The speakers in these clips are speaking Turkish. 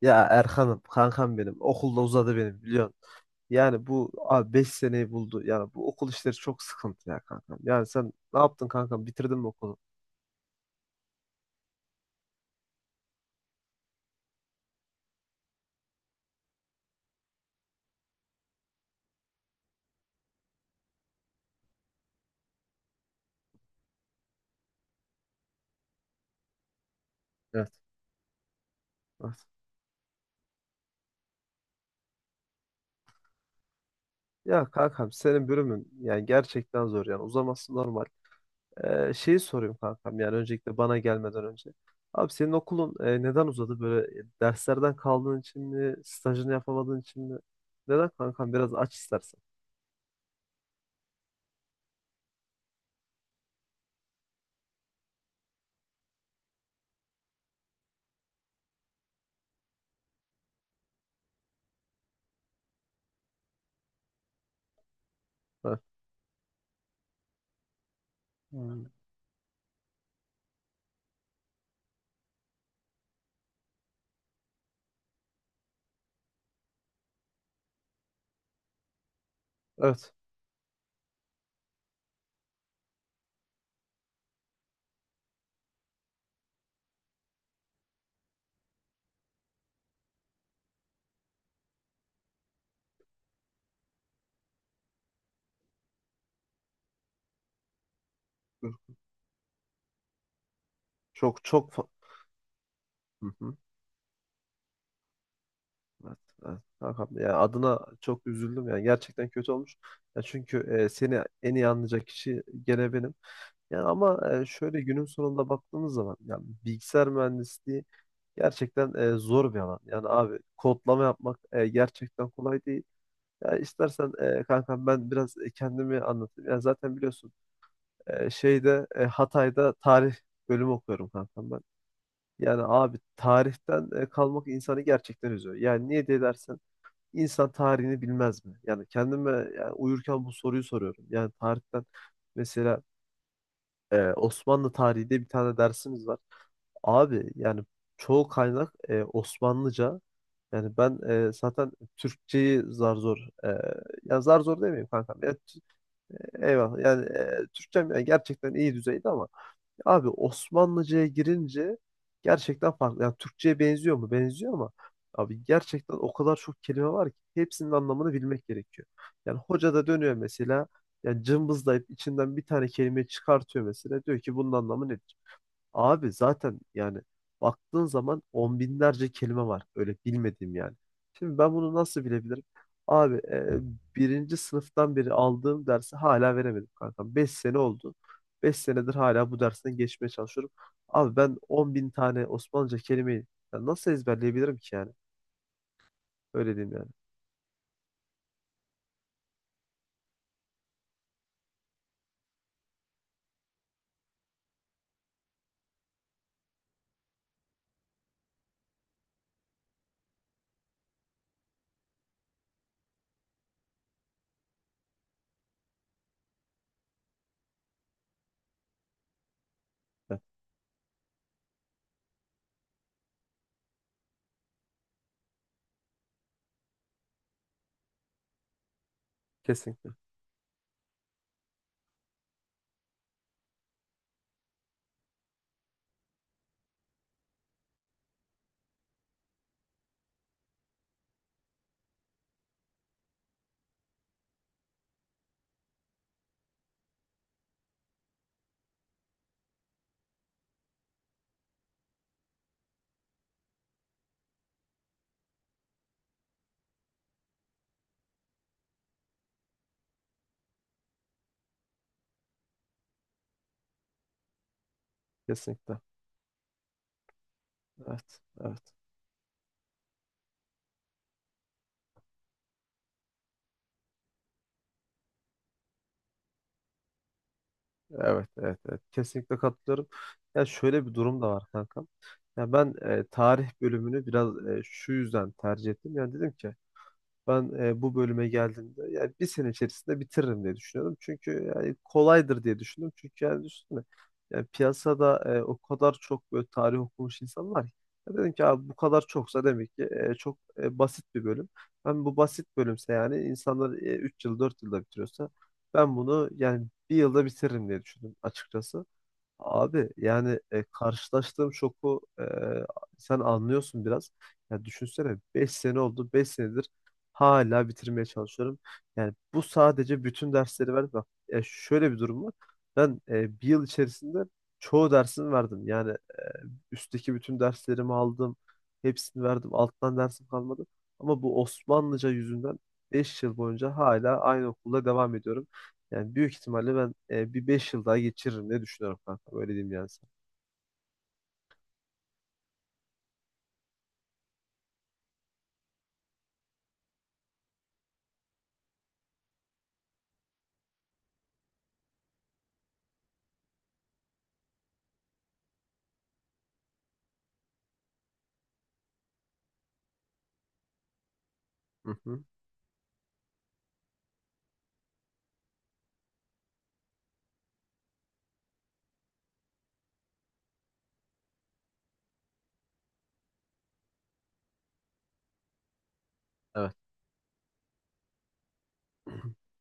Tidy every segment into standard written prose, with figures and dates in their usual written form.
Ya Erkan'ım, kankam benim. Okulda uzadı benim biliyorsun. Yani bu abi 5 seneyi buldu. Yani bu okul işleri çok sıkıntı ya kankam. Yani sen ne yaptın kankam? Bitirdin mi okulu? Evet. Evet. Ya kankam senin bölümün yani gerçekten zor yani uzaması normal. Şeyi sorayım kankam yani öncelikle bana gelmeden önce. Abi senin okulun neden uzadı? Böyle derslerden kaldığın için mi? Stajını yapamadığın için mi? Neden kankam? Biraz aç istersen. Ha. Yani. Evet. Çok çok fa- Hı hı. Evet, evet, Hakan Bey. Yani adına çok üzüldüm yani gerçekten kötü olmuş. Ya çünkü seni en iyi anlayacak kişi gene benim. Yani ama şöyle günün sonunda baktığımız zaman yani bilgisayar mühendisliği gerçekten zor bir alan. Yani abi kodlama yapmak gerçekten kolay değil. Ya istersen kankam ben biraz kendimi anlatayım. Yani zaten biliyorsun şeyde Hatay'da tarih bölümü okuyorum kankam ben. Yani abi tarihten kalmak insanı gerçekten üzüyor. Yani niye diye. İnsan tarihini bilmez mi? Yani kendime yani uyurken bu soruyu soruyorum. Yani tarihten mesela Osmanlı tarihi diye bir tane dersimiz var. Abi yani çoğu kaynak Osmanlıca. Yani ben zaten Türkçeyi zar zor e, ya zar zor demeyeyim kankam. Eyvallah yani Türkçem yani gerçekten iyi düzeyde ama abi Osmanlıca'ya girince gerçekten farklı. Yani Türkçe'ye benziyor mu? Benziyor ama abi gerçekten o kadar çok kelime var ki hepsinin anlamını bilmek gerekiyor. Yani hoca da dönüyor mesela yani cımbızlayıp içinden bir tane kelime çıkartıyor mesela. Diyor ki bunun anlamı nedir? Abi zaten yani baktığın zaman on binlerce kelime var. Öyle bilmediğim yani. Şimdi ben bunu nasıl bilebilirim? Abi birinci sınıftan beri aldığım dersi hala veremedim kankam. 5 sene oldu. 5 senedir hala bu dersten geçmeye çalışıyorum. Abi ben 10.000 tane Osmanlıca kelimeyi ya nasıl ezberleyebilirim ki yani? Öyle diyeyim yani. Ya, kesinlikle. Kesinlikle. Evet. Evet. Evet, evet, evet. Kesinlikle katılıyorum. Ya şöyle bir durum da var kankam. Ya ben tarih bölümünü biraz şu yüzden tercih ettim. Yani dedim ki ben bu bölüme geldiğimde yani 1 sene içerisinde bitiririm diye düşünüyorum. Çünkü yani kolaydır diye düşündüm. Çünkü yani düşünsene yani piyasada o kadar çok böyle tarih okumuş insan var ki. Ya dedim ki abi bu kadar çoksa demek ki çok basit bir bölüm. Ben bu basit bölümse yani insanlar 3 yıl 4 yılda bitiriyorsa ben bunu yani 1 yılda bitiririm diye düşündüm açıkçası. Abi yani karşılaştığım şoku sen anlıyorsun biraz. Ya düşünsene 5 sene oldu. Beş senedir hala bitirmeye çalışıyorum. Yani bu sadece bütün dersleri verdim. Bak ya şöyle bir durum var. Ben 1 yıl içerisinde çoğu dersini verdim. Yani üstteki bütün derslerimi aldım. Hepsini verdim. Alttan dersim kalmadı. Ama bu Osmanlıca yüzünden 5 yıl boyunca hala aynı okulda devam ediyorum. Yani büyük ihtimalle ben bir 5 yıl daha geçiririm diye düşünüyorum kanka. Öyle diyeyim yani sana. Hı hı. Evet.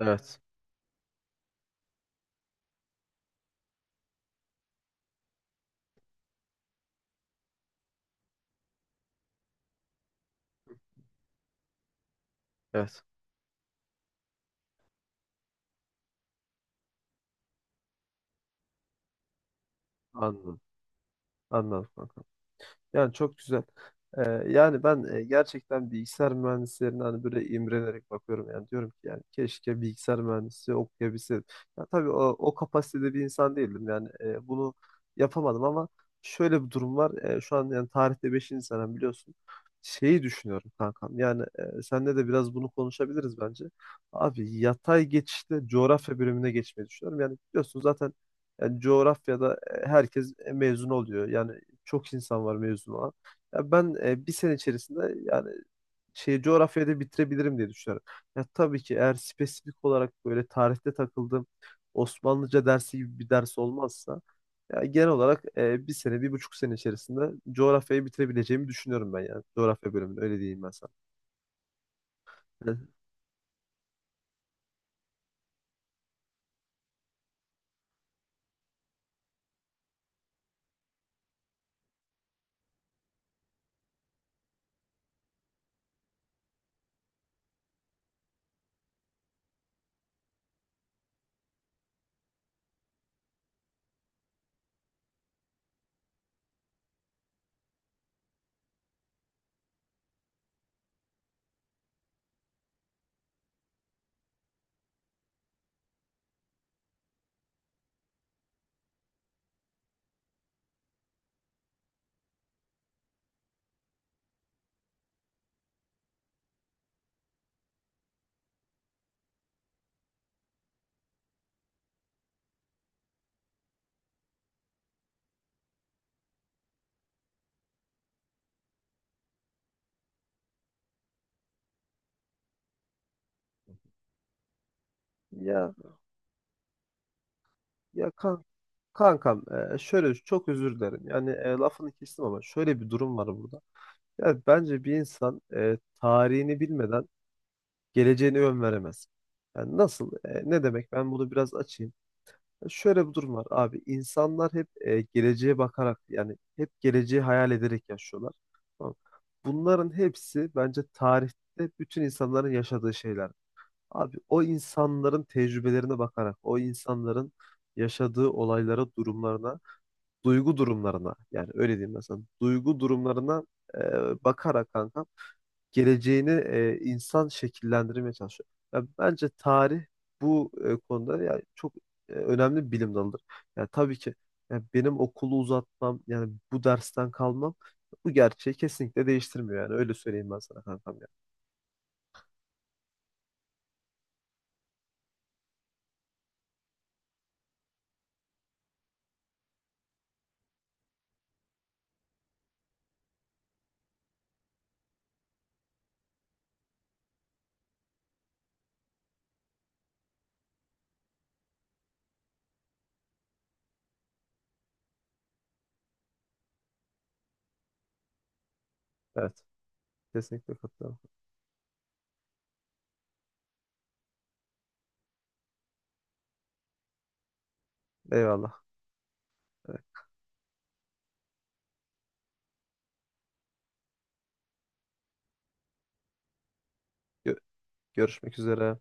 Evet. Evet. Anladım. Anladım kanka. Yani çok güzel. Ee, yani ben gerçekten bilgisayar mühendislerine hani böyle imrenerek bakıyorum yani diyorum ki yani keşke bilgisayar mühendisi okuyabilseydim. Ya tabii o kapasitede bir insan değildim yani bunu yapamadım ama şöyle bir durum var. Şu an yani tarihte 5. senem biliyorsun. Şeyi düşünüyorum kankam yani seninle de biraz bunu konuşabiliriz bence. Abi yatay geçişte coğrafya bölümüne geçmeyi düşünüyorum. Yani biliyorsun zaten yani coğrafyada herkes mezun oluyor. Yani çok insan var mezun olan. Ya ben 1 sene içerisinde yani şey coğrafyada bitirebilirim diye düşünüyorum. Ya tabii ki eğer spesifik olarak böyle tarihte takıldığım Osmanlıca dersi gibi bir ders olmazsa ya genel olarak 1 sene, 1,5 sene içerisinde coğrafyayı bitirebileceğimi düşünüyorum ben yani. Coğrafya bölümünü öyle diyeyim ben sana. Hı. Ya ya kankam şöyle çok özür dilerim. Yani lafını kestim ama şöyle bir durum var burada. Yani bence bir insan tarihini bilmeden geleceğini ön veremez. Yani nasıl? Ne demek? Ben bunu biraz açayım. Ya şöyle bir durum var abi. İnsanlar hep geleceğe bakarak yani hep geleceği hayal ederek yaşıyorlar. Tamam. Bunların hepsi bence tarihte bütün insanların yaşadığı şeyler. Abi o insanların tecrübelerine bakarak, o insanların yaşadığı olaylara, durumlarına, duygu durumlarına yani öyle diyeyim mesela duygu durumlarına bakarak kanka geleceğini insan şekillendirmeye çalışıyor. Ya bence tarih bu konuda ya çok önemli bir bilim dalıdır. Yani tabii ki ya benim okulu uzatmam yani bu dersten kalmam bu gerçeği kesinlikle değiştirmiyor yani öyle söyleyeyim ben sana kankam ya. Evet, kesinlikle katılıyorum. Eyvallah. Evet, gö- görüşmek üzere.